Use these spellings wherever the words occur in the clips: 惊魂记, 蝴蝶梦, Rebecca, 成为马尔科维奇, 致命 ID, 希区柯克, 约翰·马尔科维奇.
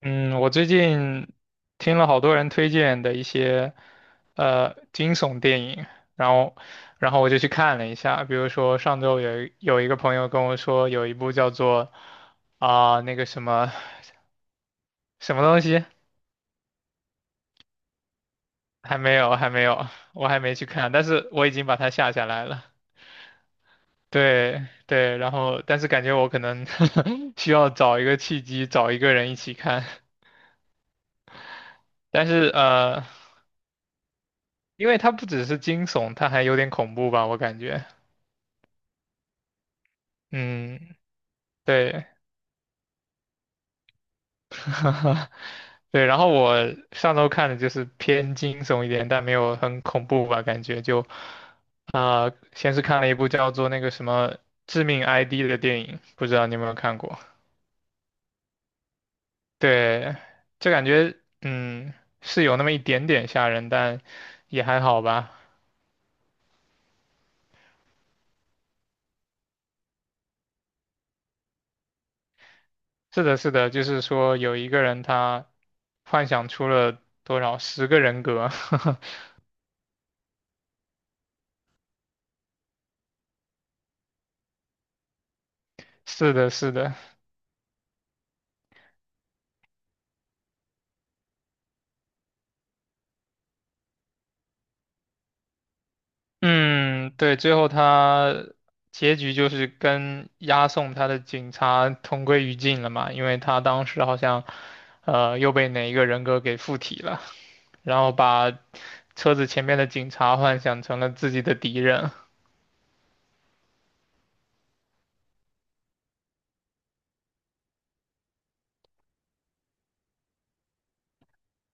嗯，我最近听了好多人推荐的一些惊悚电影，然后然后我就去看了一下，比如说上周有一个朋友跟我说有一部叫做啊、那个什么什么东西，还没有我还没去看，但是我已经把它下来了对对，然后但是感觉我可能 需要找一个契机，找一个人一起看，但是因为它不只是惊悚，它还有点恐怖吧，我感觉。嗯，对，对，然后我上周看的就是偏惊悚一点，但没有很恐怖吧，感觉就，先是看了一部叫做那个什么《致命 ID》的电影，不知道你有没有看过？对，就感觉是有那么一点点吓人，但也还好吧。是的，是的，就是说有一个人他幻想出了多少十个人格，是的，是的。嗯，对，最后他结局就是跟押送他的警察同归于尽了嘛，因为他当时好像又被哪一个人格给附体了，然后把车子前面的警察幻想成了自己的敌人。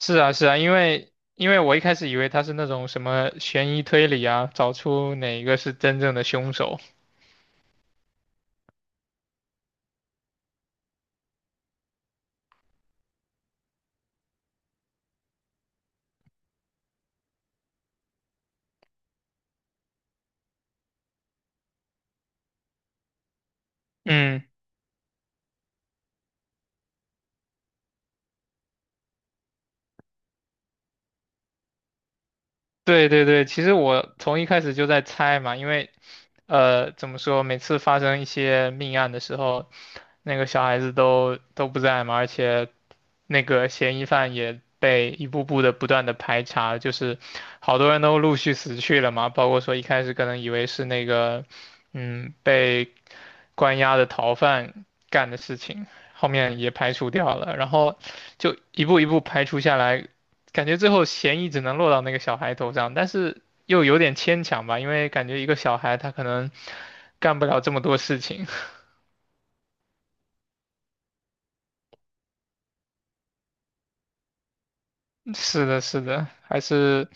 是啊，是啊，因为我一开始以为他是那种什么悬疑推理啊，找出哪一个是真正的凶手。嗯。对对对，其实我从一开始就在猜嘛，因为怎么说，每次发生一些命案的时候，那个小孩子都不在嘛，而且那个嫌疑犯也被一步步的不断的排查，就是好多人都陆续死去了嘛，包括说一开始可能以为是那个被关押的逃犯干的事情，后面也排除掉了，然后就一步一步排除下来，感觉最后嫌疑只能落到那个小孩头上，但是又有点牵强吧，因为感觉一个小孩他可能干不了这么多事情。是的，是的，还是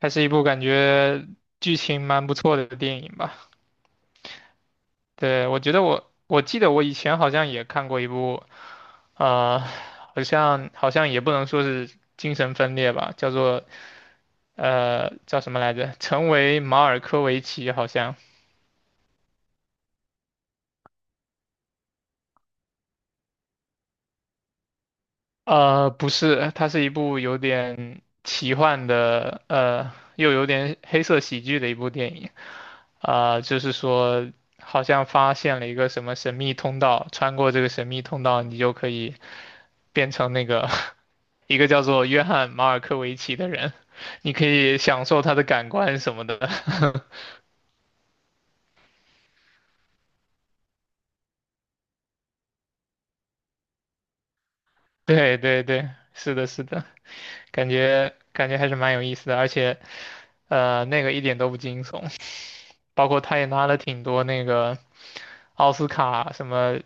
还是一部感觉剧情蛮不错的电影吧。对，我觉得我记得我以前好像也看过一部，呃，好像也不能说是精神分裂吧，叫做叫什么来着？成为马尔科维奇好像。呃，不是，它是一部有点奇幻的，呃，又有点黑色喜剧的一部电影。就是说，好像发现了一个什么神秘通道，穿过这个神秘通道，你就可以变成那个 一个叫做约翰·马尔科维奇的人，你可以享受他的感官什么的。对对对，是的，是的，感觉还是蛮有意思的，而且，呃，那个一点都不惊悚。包括他也拿了挺多那个奥斯卡什么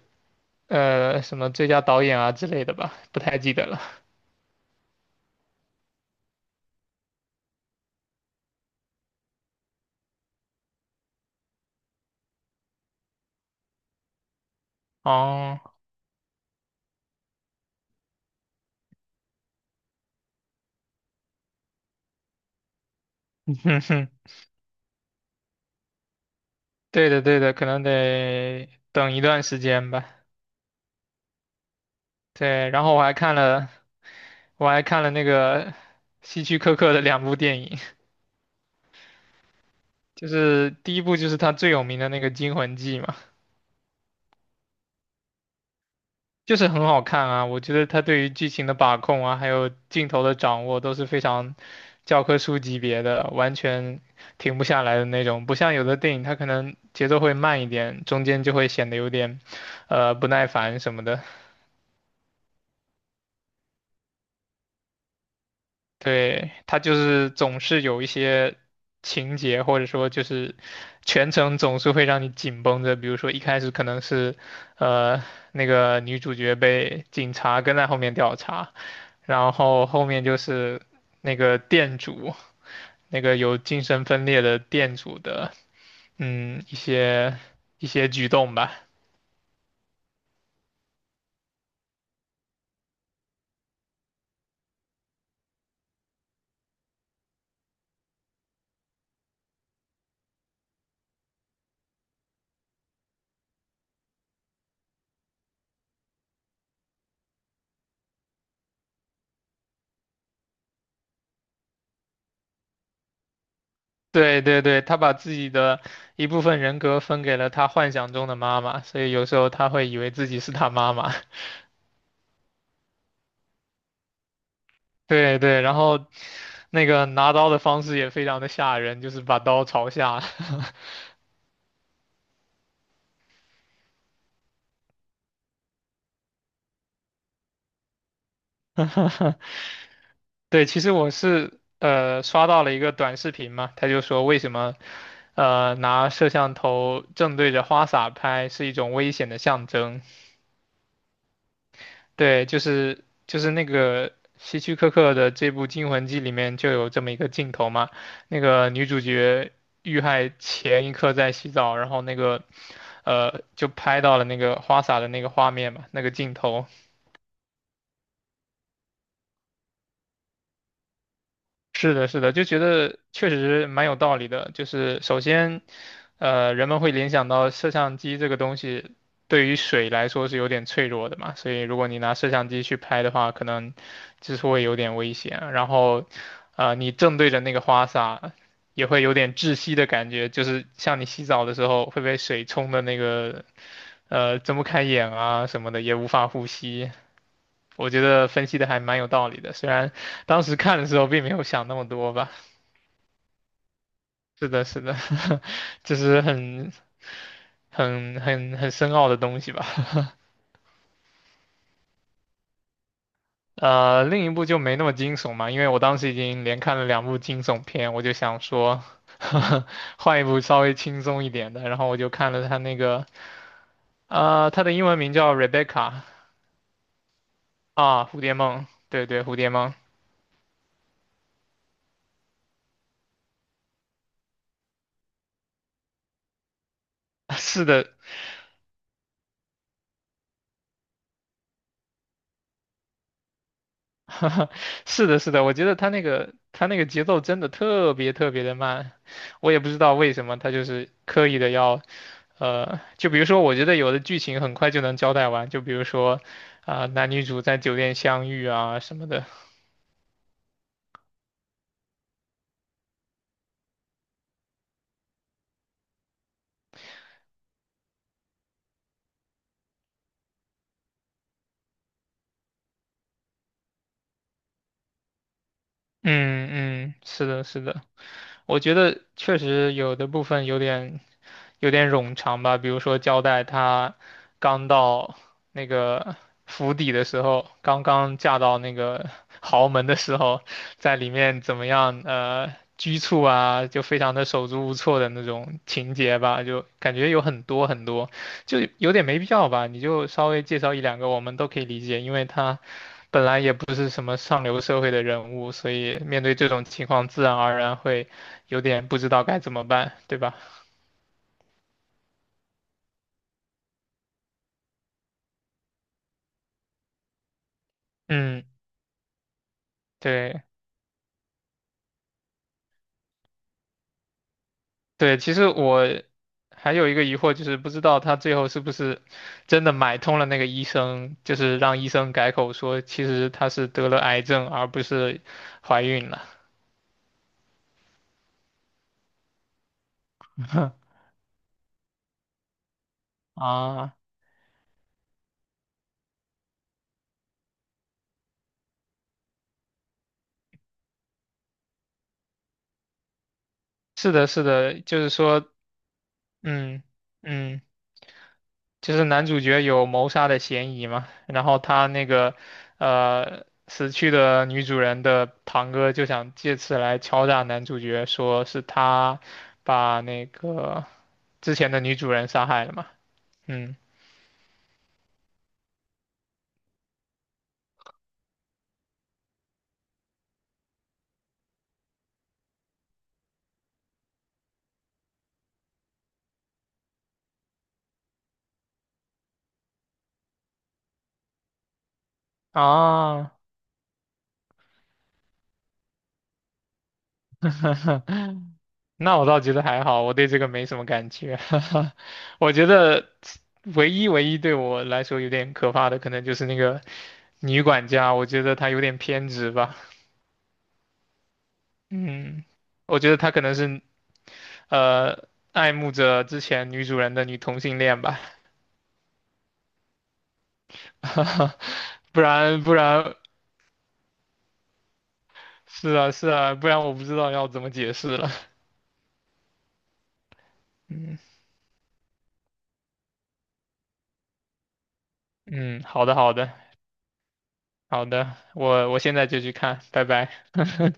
什么最佳导演啊之类的吧，不太记得了。哦，哼哼，对的对的，可能得等一段时间吧。对，然后我还看了那个希区柯克的两部电影，就是第一部就是他最有名的那个《惊魂记》嘛。就是很好看啊，我觉得他对于剧情的把控啊，还有镜头的掌握都是非常教科书级别的，完全停不下来的那种。不像有的电影，它可能节奏会慢一点，中间就会显得有点不耐烦什么的。对，他就是总是有一些情节，或者说就是全程总是会让你紧绷着。比如说一开始可能是，呃，那个女主角被警察跟在后面调查，然后后面就是那个店主，那个有精神分裂的店主的，嗯，一些举动吧。对对对，他把自己的一部分人格分给了他幻想中的妈妈，所以有时候他会以为自己是他妈妈。对对，然后那个拿刀的方式也非常的吓人，就是把刀朝下。对，其实我是刷到了一个短视频嘛，他就说为什么拿摄像头正对着花洒拍是一种危险的象征。对，就是那个希区柯克的这部《惊魂记》里面就有这么一个镜头嘛，那个女主角遇害前一刻在洗澡，然后那个就拍到了那个花洒的那个画面嘛，那个镜头，是的，是的，就觉得确实蛮有道理的。就是首先，呃，人们会联想到摄像机这个东西对于水来说是有点脆弱的嘛，所以如果你拿摄像机去拍的话，可能就是会有点危险啊。然后，呃，你正对着那个花洒，也会有点窒息的感觉，就是像你洗澡的时候会被水冲的那个，呃，睁不开眼啊什么的，也无法呼吸。我觉得分析的还蛮有道理的，虽然当时看的时候并没有想那么多吧。是的，是的，就是很很很深奥的东西吧。呃，另一部就没那么惊悚嘛，因为我当时已经连看了两部惊悚片，我就想说，换一部稍微轻松一点的。然后我就看了他那个，呃，他的英文名叫 Rebecca 啊，蝴蝶梦，对对，蝴蝶梦，是的，是的，是的，我觉得他那个节奏真的特别的慢，我也不知道为什么他就是刻意的要，呃，就比如说，我觉得有的剧情很快就能交代完，就比如说，男女主在酒店相遇啊什么的。嗯嗯，是的，是的。我觉得确实有的部分有点冗长吧，比如说交代她刚到那个府邸的时候，刚刚嫁到那个 豪门的时候，在里面怎么样拘束啊，就非常的手足无措的那种情节吧，就感觉有很多很多，就有点没必要吧，你就稍微介绍一两个我们都可以理解，因为她本来也不是什么上流社会的人物，所以面对这种情况，自然而然会有点不知道该怎么办，对吧？嗯，对对，其实我还有一个疑惑，就是不知道他最后是不是真的买通了那个医生，就是让医生改口说，其实他是得了癌症，而不是怀孕了。啊，是的，是的，就是说，嗯嗯。就是男主角有谋杀的嫌疑嘛，然后他那个死去的女主人的堂哥就想借此来敲诈男主角，说是他把那个之前的女主人杀害了嘛。嗯啊，那我倒觉得还好，我对这个没什么感觉。我觉得唯一对我来说有点可怕的，可能就是那个女管家，我觉得她有点偏执吧。嗯。我觉得她可能是爱慕着之前女主人的女同性恋吧，不然是啊是啊，不然我不知道要怎么解释了。嗯嗯，好的好的，我现在就去看，拜拜。